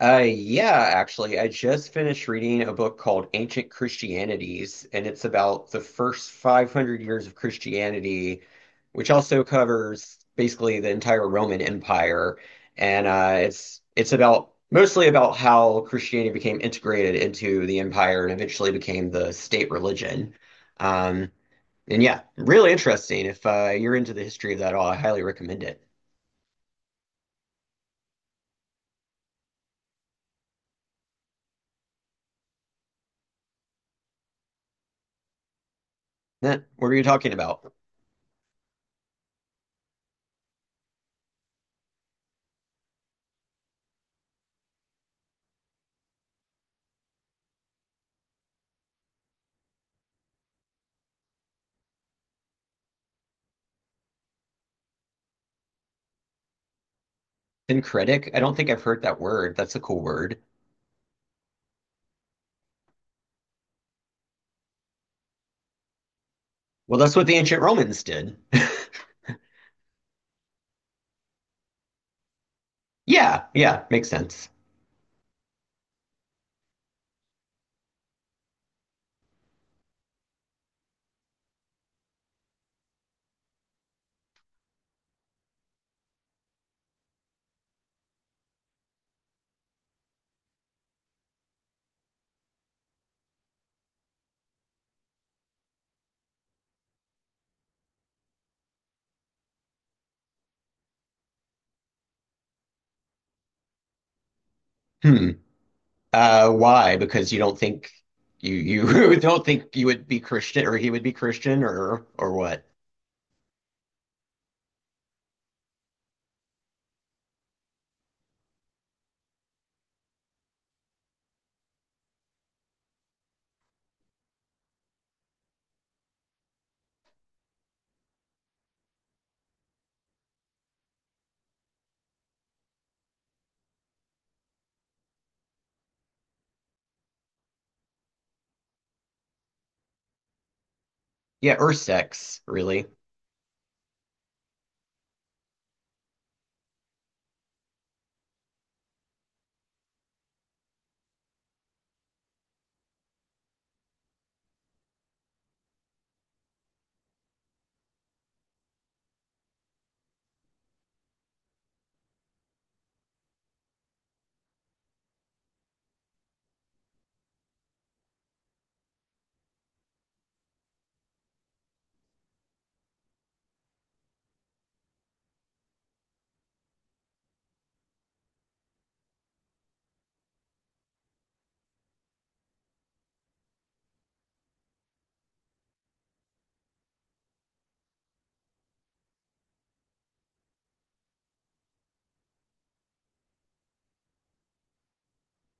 Yeah, actually, I just finished reading a book called Ancient Christianities, and it's about the first 500 years of Christianity, which also covers basically the entire Roman Empire. And it's about mostly about how Christianity became integrated into the empire and eventually became the state religion. Um, and yeah, really interesting. If you're into the history of that at all, I highly recommend it. Nat, what are you talking about? Syncretic? I don't think I've heard that word. That's a cool word. Well, that's what the ancient Romans did. Yeah, yeah, makes sense. Hmm. Why? Because you don't think you don't think you would be Christian or he would be Christian or what? Yeah, or sex, really.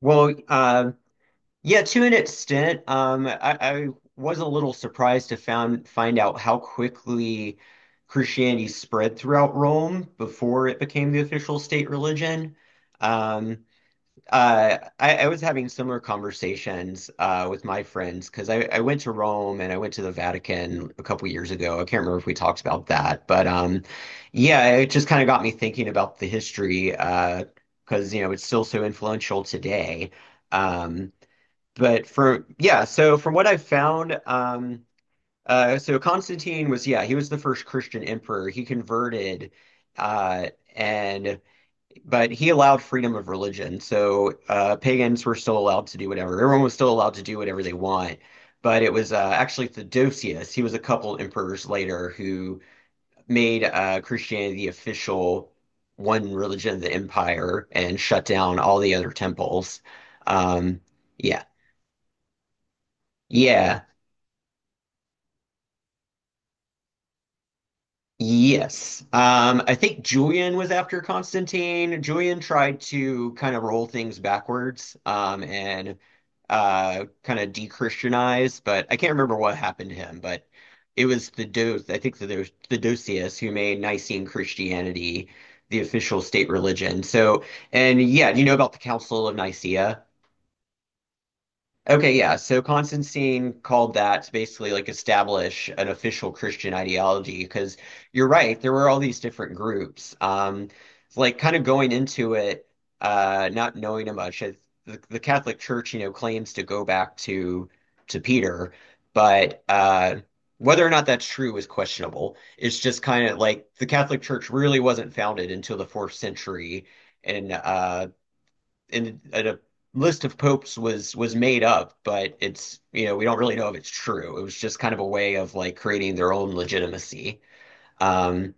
Well, yeah, to an extent, I was a little surprised to found find out how quickly Christianity spread throughout Rome before it became the official state religion. Um, I was having similar conversations with my friends because I went to Rome and I went to the Vatican a couple years ago. I can't remember if we talked about that, but yeah, it just kind of got me thinking about the history because you know it's still so influential today. Um, but for yeah, so from what I've found, so Constantine was yeah, he was the first Christian emperor. He converted, uh, and but he allowed freedom of religion. So pagans were still allowed to do whatever. Everyone was still allowed to do whatever they want. But it was actually Theodosius. He was a couple emperors later who made Christianity the official one religion of the empire and shut down all the other temples. Um, yeah. Yeah. Yes. I think Julian was after Constantine. Julian tried to kind of roll things backwards, and kind of de-Christianize, but I can't remember what happened to him. But it was the Do I think that there was Theodosius who made Nicene Christianity the official state religion. So, and yeah, do you know about the Council of Nicaea? Okay, yeah. So Constantine called that to basically like establish an official Christian ideology because you're right, there were all these different groups. It's like kind of going into it, not knowing much. The Catholic Church, you know, claims to go back to Peter, but whether or not that's true is questionable. It's just kind of like the Catholic Church really wasn't founded until the fourth century, and in a list of popes was made up, but it's you know we don't really know if it's true. It was just kind of a way of like creating their own legitimacy. Um,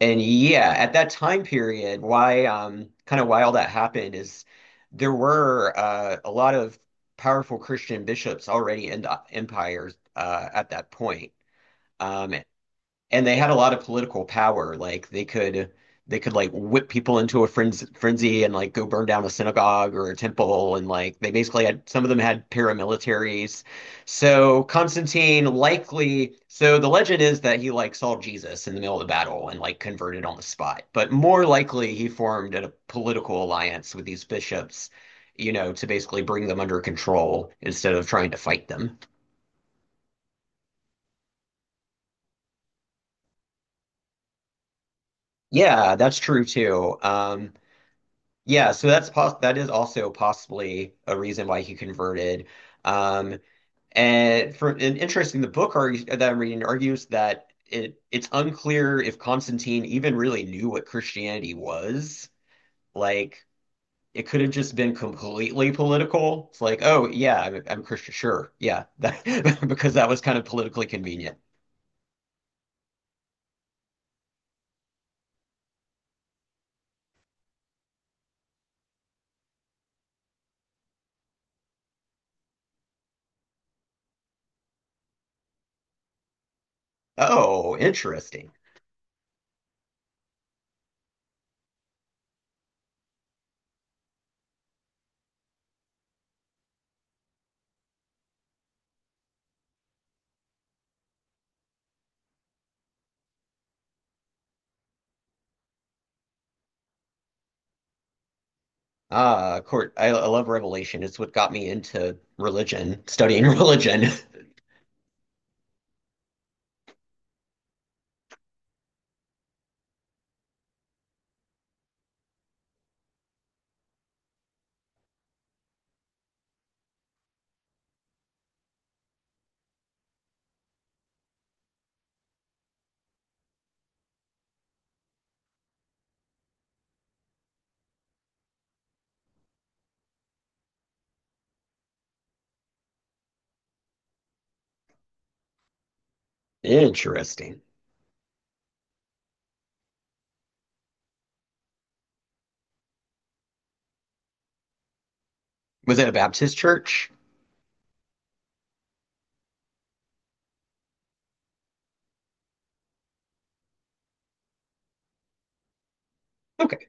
and yeah, at that time period, why kind of why all that happened is there were a lot of powerful Christian bishops already in the empires at that point. Um, and they had a lot of political power. Like they could like whip people into a frenzy and like go burn down a synagogue or a temple. And like they basically had some of them had paramilitaries. So Constantine likely so the legend is that he like saw Jesus in the middle of the battle and like converted on the spot. But more likely he formed a political alliance with these bishops. You know, to basically bring them under control instead of trying to fight them. Yeah, that's true too. Yeah, so that is also possibly a reason why he converted. Um, and interesting, that I'm reading argues that it's unclear if Constantine even really knew what Christianity was. Like it could have just been completely political. It's like, oh yeah, I'm Christian, sure, yeah, that, because that was kind of politically convenient. Oh, interesting. Ah, court. I love Revelation. It's what got me into religion, studying religion. Interesting. Was it a Baptist church? Okay.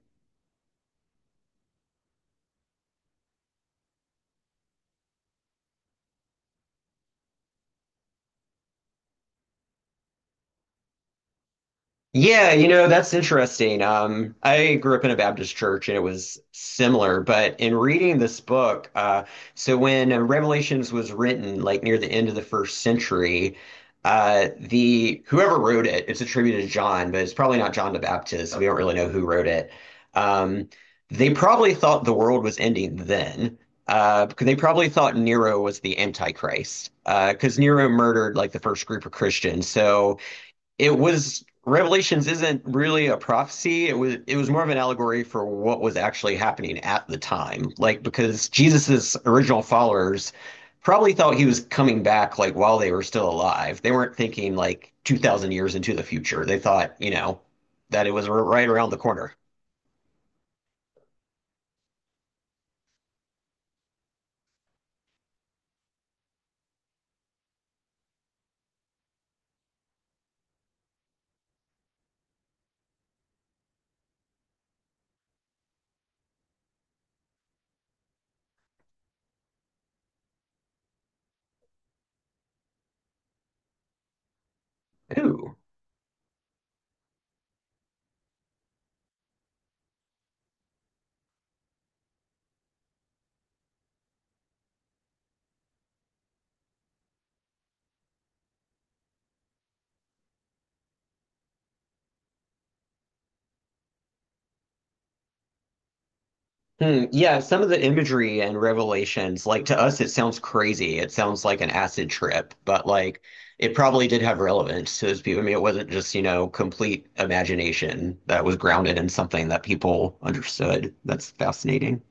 Yeah, you know, that's interesting. I grew up in a Baptist church and it was similar, but in reading this book, so when Revelations was written, like near the end of the first century, the whoever wrote it, it's attributed to John, but it's probably not John the Baptist. We don't really know who wrote it. Um, they probably thought the world was ending then. Because they probably thought Nero was the Antichrist, because Nero murdered like the first group of Christians. So, it was Revelations isn't really a prophecy. It was more of an allegory for what was actually happening at the time. Like because Jesus's original followers probably thought he was coming back like while they were still alive. They weren't thinking like 2,000 years into the future. They thought, you know, that it was right around the corner. Ooh. Hmm, yeah, some of the imagery and revelations, like to us, it sounds crazy. It sounds like an acid trip, but like it probably did have relevance to those people. I mean, it wasn't just, you know, complete imagination that was grounded in something that people understood. That's fascinating.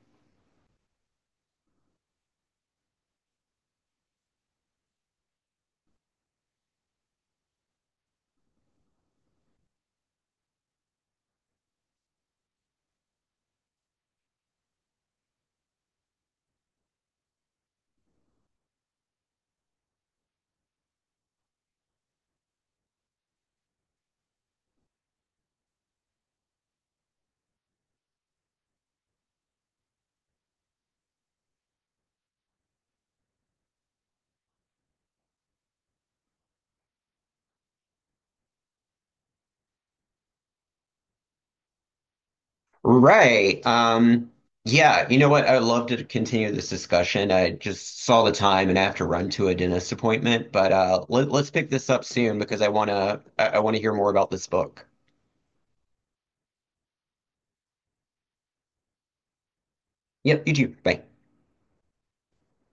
Right. Yeah, you know what? I'd love to continue this discussion. I just saw the time and I have to run to a dentist appointment, but let's pick this up soon because I wanna hear more about this book. Yep, you too. Bye.